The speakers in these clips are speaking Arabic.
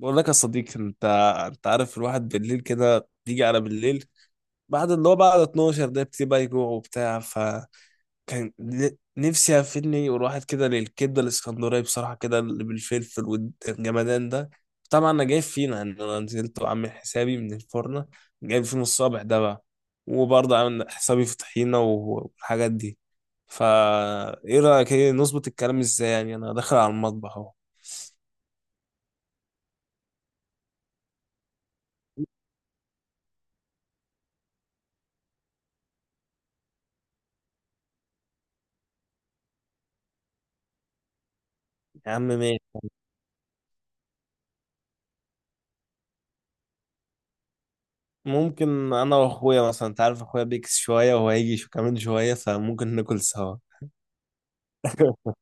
بقول لك يا صديقي، انت عارف الواحد بالليل كده بيجي على بالليل بعد اللي هو بعد 12، ده بتبقى بقى يجوع وبتاع. فكان ن- نفسي افني والواحد كده للكبده الاسكندريه، بصراحه كده اللي بالفلفل والجمدان ده. طبعا انا جايب فينا انا نزلت وعامل حسابي من الفرن، جايب فينا الصابح ده بقى. وبرضه عامل حسابي في طحينه و- والحاجات دي. فا ايه رايك، ايه نظبط الكلام ازاي؟ يعني انا داخل على المطبخ اهو. يا عم ماشي. ممكن انا واخويا مثلا، انت عارف اخويا بيكس شويه وهو هيجي شو كمان شويه، فممكن ناكل سوا.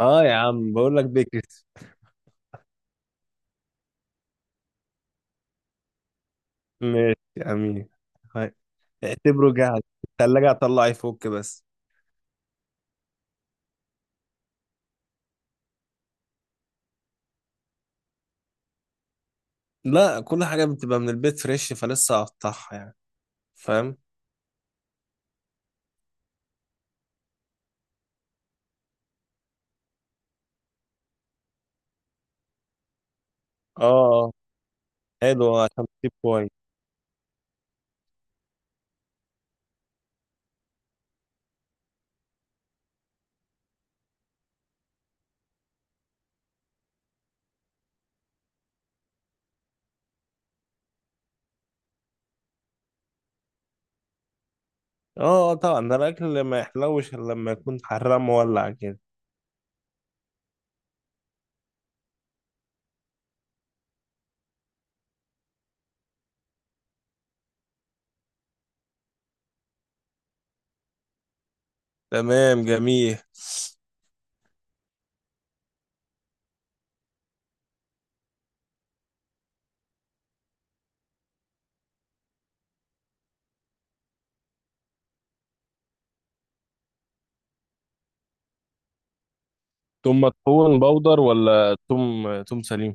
اه يا عم، بقول لك بيكس. ماشي يا امين. هاي. اعتبره جاهز، التلاجة هطلع يفك بس. لا، كل حاجه بتبقى من البيت فريش، فلسه هقطعها يعني. فاهم. اه آه. حلو عشان تجيب كويس. اه آه، طبعا ده الاكل ما يحلوش الا لما يكون حرام مولع كده. تمام جميل. توم مطحون بودر ولا توم؟ توم سليم.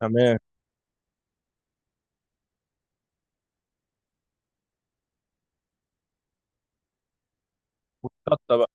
تمام. شطه بقى.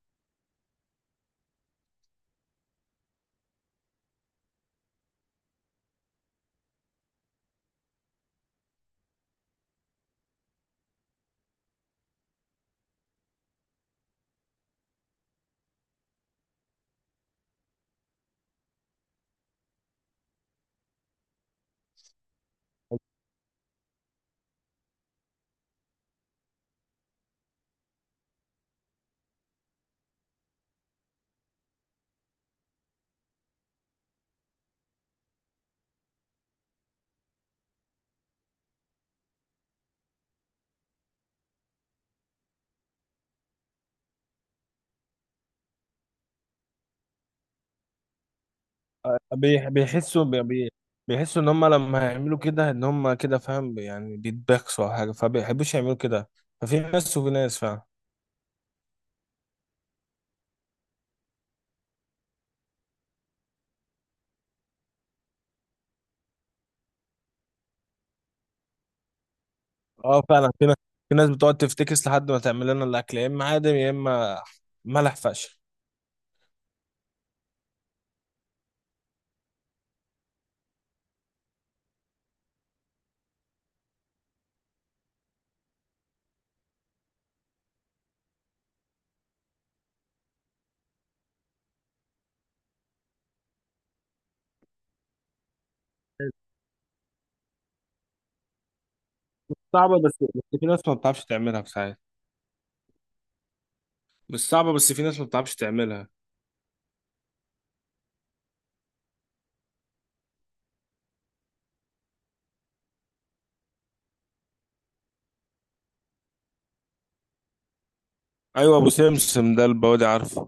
بيح- بيحسوا بي- بي- بيحسوا ان هم لما هيعملوا كده ان هم كده، فاهم يعني، بيتبخسوا او حاجه فبيحبوش يعملوا كده. ففي ناس وفي ناس فعلا. اه فعلا في ناس بتقعد تفتكس لحد ما تعمل لنا الاكل، يا اما عادم يا اما ملح فشخ. صعبة بس في ناس ما بتعرفش تعملها في ساعات. مش صعبة بس في ناس ما بتعرفش تعملها. ايوه ابو سمسم ده البودي، عارفه.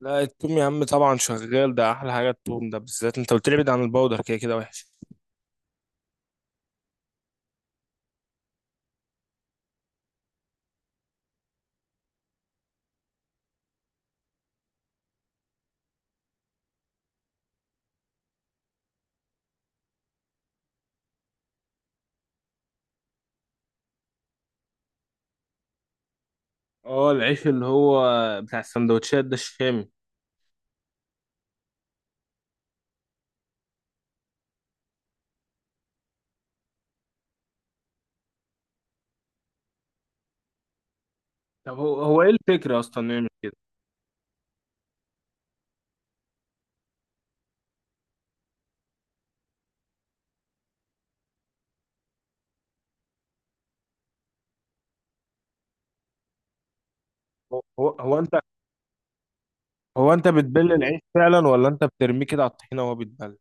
لا التوم يا عم طبعا شغال، ده احلى حاجه التوم ده بالذات، انت قلت لي ابعد عن البودر كده كده وحش. اه العيش اللي هو بتاع السندوتشات ده، الشامي. طب هو ايه الفكرة اصلا نعمل كده؟ هو انت. هو انت بتبل العيش فعلا، ولا انت بترميه كده على الطحينه وهو بيتبل؟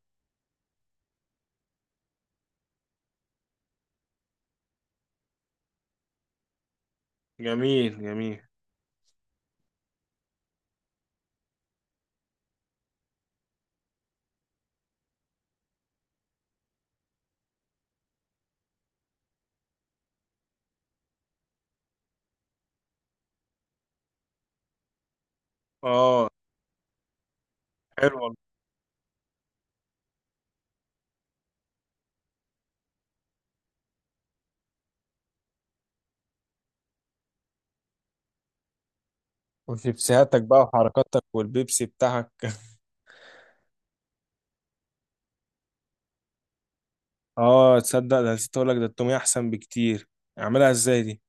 جميل جميل. اه حلو والله. وشيبسيهاتك بقى وحركاتك والبيبسي بتاعك. اه تصدق، ده نسيت اقول لك، ده التوميه احسن بكتير. اعملها ازاي دي؟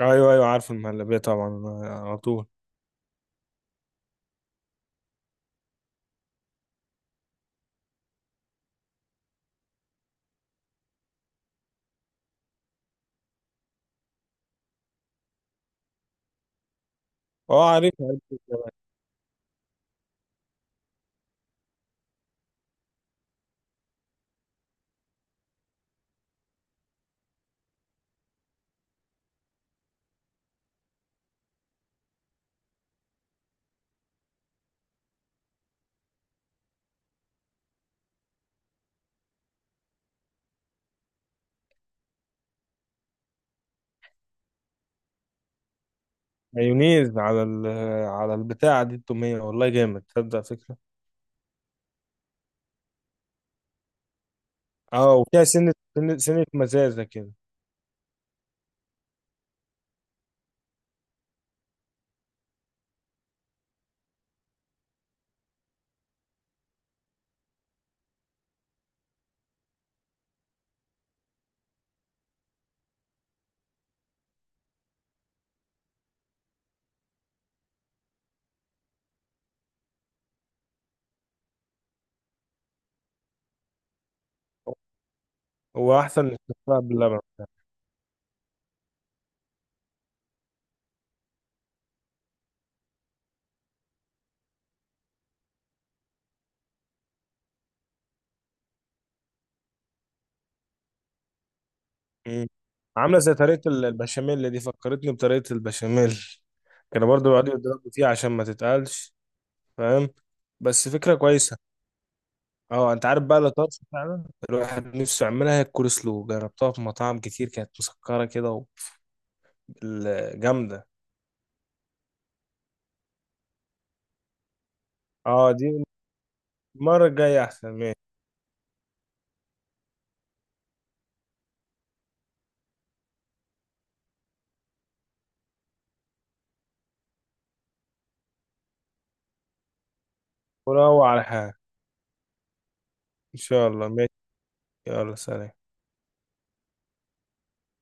ايوه ايوه عارف المهلبيه طبعا. على طول. اه عارف عارف. مايونيز على على البتاع دي التوميه، والله جامد تصدق فكره. اه وفيها سنه سنه سنة مزازه كده. هو احسن من الشفاء باللبن. مم. عامله زي طريقه البشاميل، اللي دي فكرتني بطريقه البشاميل. كانوا برضو بيقعدوا يضربوا فيها عشان ما تتقلش. فاهم. بس فكره كويسه. اه انت عارف بقى اللي طرش فعلا، الواحد نفسه يعملها. هي الكول سلو جربتها في مطاعم كتير كانت مسكره كده، جامده. اه دي المره الجايه احسن، ماشي. وروق على حالك. ان شاء الله ماشي. يلا سلام.